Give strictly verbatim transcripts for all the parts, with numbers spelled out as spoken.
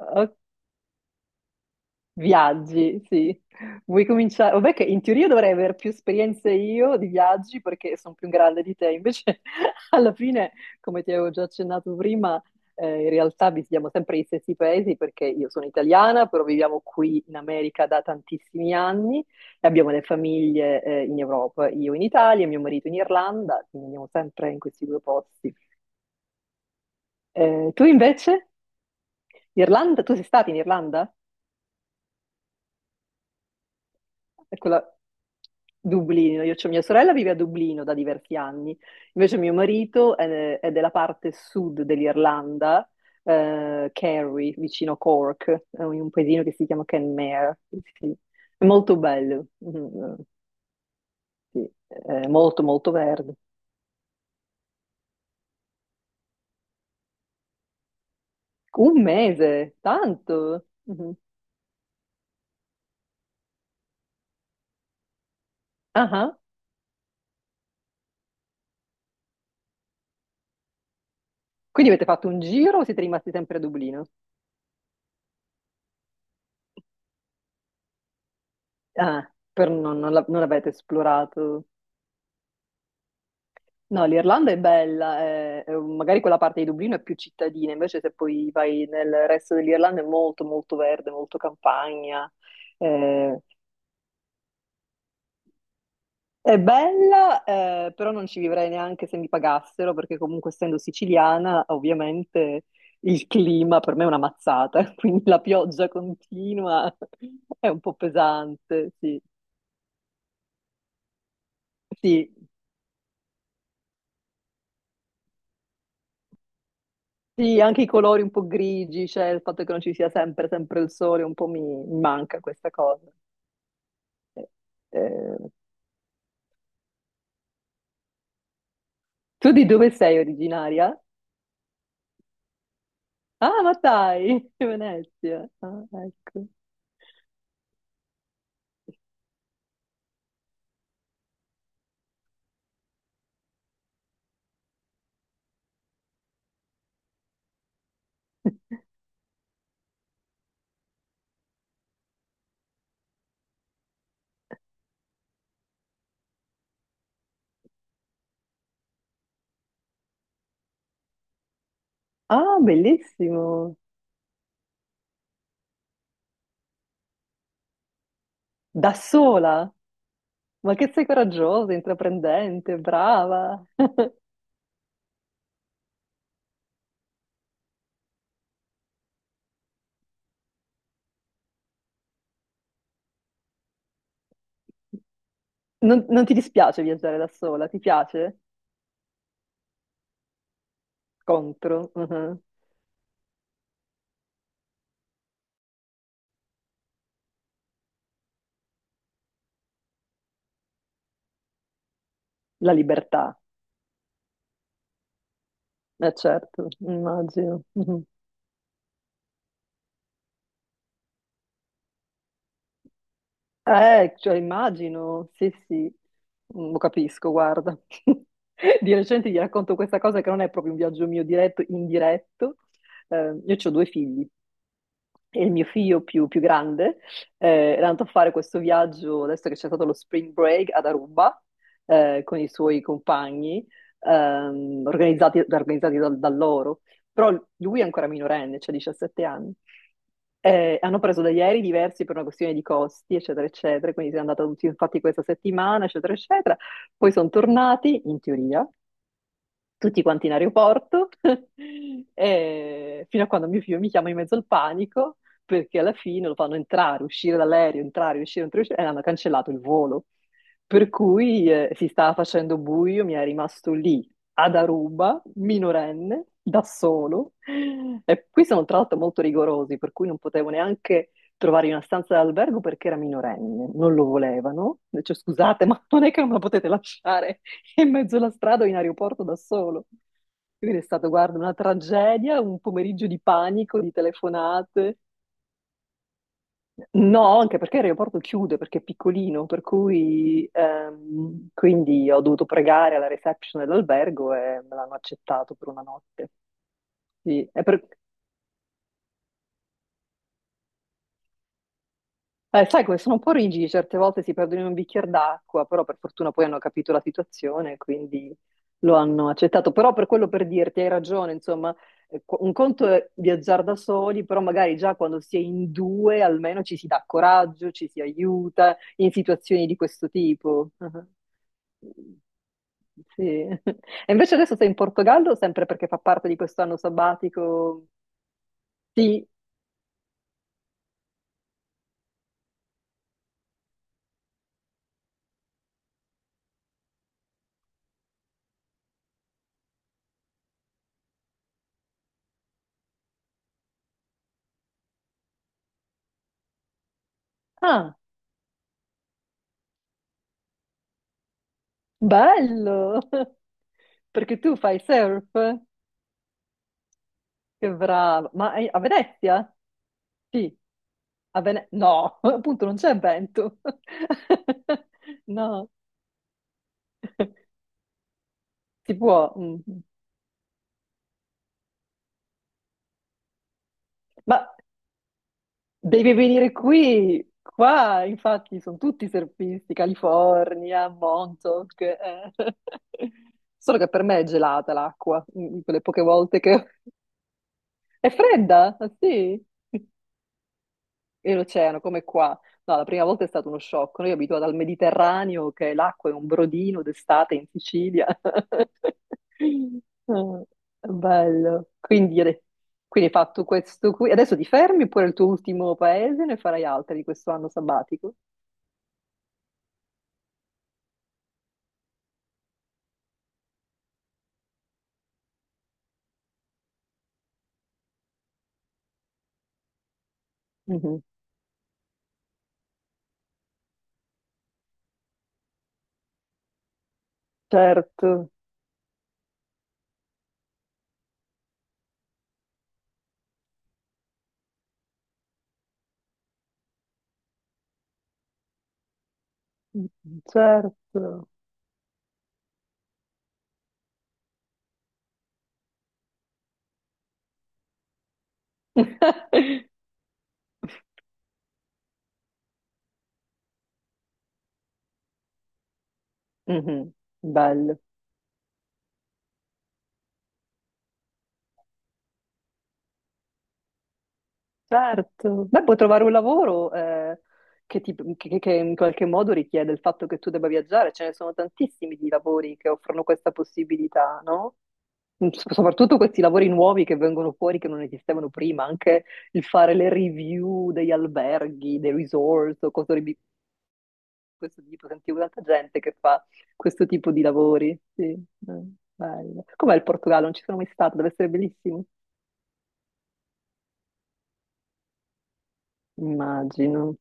Oh, viaggi, sì. Vuoi cominciare? Vabbè che in teoria dovrei avere più esperienze io di viaggi perché sono più grande di te, invece alla fine, come ti avevo già accennato prima, eh, in realtà visitiamo sempre gli stessi paesi perché io sono italiana, però viviamo qui in America da tantissimi anni e abbiamo le famiglie, eh, in Europa, io in Italia, mio marito in Irlanda, quindi andiamo sempre in questi due posti. Eh, tu invece? Irlanda? Tu sei stata in Irlanda? È quella Dublino, io, cioè mia sorella vive a Dublino da diversi anni, invece mio marito è, è della parte sud dell'Irlanda, eh, Kerry, vicino Cork, è un, un paesino che si chiama Kenmare, sì. Sì. È molto bello, mm, sì, è molto molto verde. Un mese, tanto! Mhm. Ah, ah. Quindi avete fatto un giro o siete rimasti sempre a Dublino? Ah, per non, non la- non l'avete esplorato? No, l'Irlanda è bella, è- è- magari quella parte di Dublino è più cittadina, invece se poi vai nel resto dell'Irlanda è molto molto verde, molto campagna. Eh, è bella, eh, però non ci vivrei neanche se mi pagassero, perché comunque essendo siciliana, ovviamente il clima per me è una mazzata, quindi la pioggia continua è un po' pesante, sì. Sì, sì, anche i colori un po' grigi, cioè il fatto che non ci sia sempre, sempre il sole, un po' mi mi manca questa cosa. Eh, eh, tu di dove sei originaria? Ah, ma dai, Venezia. Ah, ecco. Ah, bellissimo. Da sola. Ma che sei coraggiosa, intraprendente, brava. Non, non ti dispiace viaggiare da sola? Ti piace? Contro, mhm. La libertà. Eh, certo, immagino. Mhm. Eh, cioè immagino, sì, sì. Mm, lo capisco, guarda. Di recente gli racconto questa cosa che non è proprio un viaggio mio diretto, indiretto. Eh, io ho due figli e il mio figlio più, più grande eh, era andato a fare questo viaggio, adesso che c'è stato lo spring break ad Aruba, eh, con i suoi compagni, ehm, organizzati, organizzati da, da loro. Però lui è ancora minorenne, cioè diciassette anni. Eh, hanno preso degli aerei diversi per una questione di costi, eccetera, eccetera. Quindi si è andata tutti, infatti, questa settimana, eccetera, eccetera. Poi sono tornati, in teoria, tutti quanti in aeroporto, e fino a quando mio figlio mi chiama in mezzo al panico, perché alla fine lo fanno entrare, uscire dall'aereo, entrare, uscire, entrare, uscire, e hanno cancellato il volo. Per cui eh, si stava facendo buio, mi è rimasto lì ad Aruba, minorenne, da solo. E qui sono tra l'altro molto rigorosi, per cui non potevo neanche trovare una stanza d'albergo perché era minorenne, non lo volevano. Dice, scusate, ma non è che non me la potete lasciare in mezzo alla strada o in aeroporto da solo. Quindi è stato, guarda, una tragedia, un pomeriggio di panico, di telefonate. No, anche perché l'aeroporto chiude, perché è piccolino, per cui ehm, quindi ho dovuto pregare alla reception dell'albergo e me l'hanno accettato per una notte. Sì, è per- Eh, sai come sono un po' rigidi, certe volte si perdono in un bicchiere d'acqua, però per fortuna poi hanno capito la situazione, quindi lo hanno accettato. Però per quello per dirti, hai ragione, insomma, eh, qu- un conto è viaggiare da soli, però magari già quando si è in due almeno ci si dà coraggio, ci si aiuta in situazioni di questo tipo. Ah, sì. E invece adesso sei in Portogallo, sempre perché fa parte di questo anno sabbatico? Sì. Ah, bello! Perché tu fai surf? Che brava. Ma è- a Venezia? Sì, a Venezia. No, appunto non c'è vento. No, si può. Mm. Mm. Ma devi venire qui. Qua, infatti, sono tutti surfisti, California, Montauk. Eh. Solo che per me è gelata l'acqua, mm, quelle poche volte che... È fredda, ah, sì. E l'oceano, come qua. No, la prima volta è stato uno shock. Noi abituati al Mediterraneo, che l'acqua è un brodino d'estate in Sicilia. Ah, bello. Quindi, ade- quindi hai fatto questo qui. Adesso ti fermi pure il tuo ultimo paese, ne farai altri di questo anno sabbatico. Mhm. Certo, certo. Mhm. Bello. Certo, beh, puoi trovare un lavoro eh, che, ti- che- che in qualche modo richiede il fatto che tu debba viaggiare, ce ne sono tantissimi di lavori che offrono questa possibilità, no? Mm, S- soprattutto questi lavori nuovi che vengono fuori che non esistevano prima, anche il fare le review degli alberghi, dei resort o cose di questo tipo, sentivo tanta gente che fa questo tipo di lavori, sì, eh, bello. Com'è il Portogallo? Non ci sono mai stata, deve essere bellissimo. Immagino,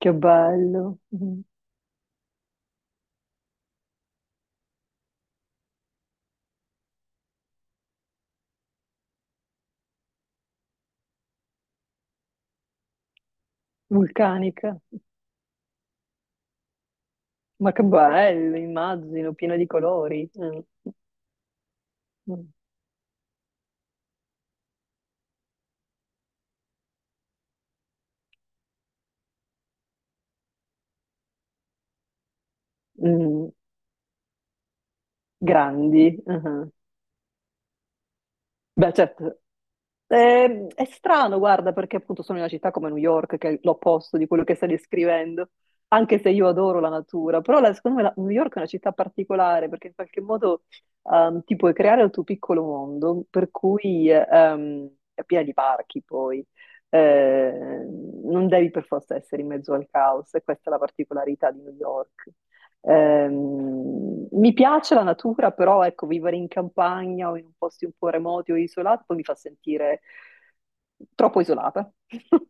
che bello. Mm-hmm. Vulcanica, ma che bello, immagino, piena di colori, mm. Mm. Mm, grandi. Ah. Beh, certo, eh, è strano, guarda, perché appunto sono in una città come New York, che è l'opposto di quello che stai descrivendo, anche se io adoro la natura, però la- secondo me la- New York è una città particolare perché in qualche modo ehm, ti puoi creare il tuo piccolo mondo, per cui ehm, è piena di parchi poi, eh, non devi per forza essere in mezzo al caos e questa è la particolarità di New York. Ehm, mi piace la natura, però ecco, vivere in campagna o in posti un po' remoti o isolati poi mi fa sentire troppo isolata.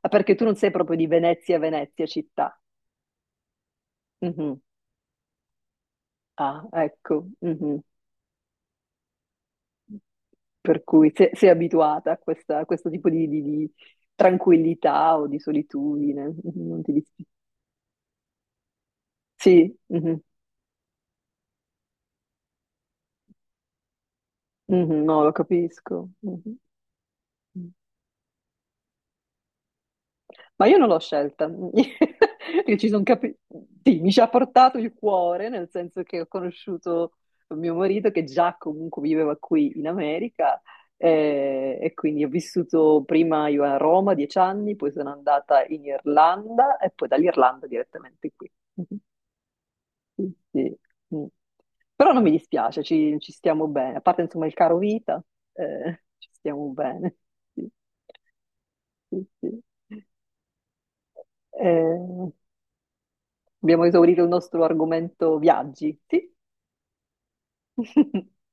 Ah, perché tu non sei proprio di Venezia, Venezia città. Mhm. Ah, ecco. Mhm. Per cui se- sei abituata a, questa- a questo tipo di, di- di tranquillità o di solitudine. Mhm, non ti dis-. Sì, mhm. Mhm, no, lo capisco. Mhm. Ma io non l'ho scelta, Io ci son capi- sì, mi ci ha portato il cuore, nel senso che ho conosciuto mio marito che già comunque viveva qui in America eh, e quindi ho vissuto prima io a Roma dieci anni, poi sono andata in Irlanda e poi dall'Irlanda direttamente qui. Sì, sì. Mm. Però non mi dispiace, ci, ci stiamo bene, a parte insomma il caro vita, eh, ci stiamo bene. Sì, sì, sì. Sì. Eh, abbiamo esaurito il nostro argomento viaggi, sì?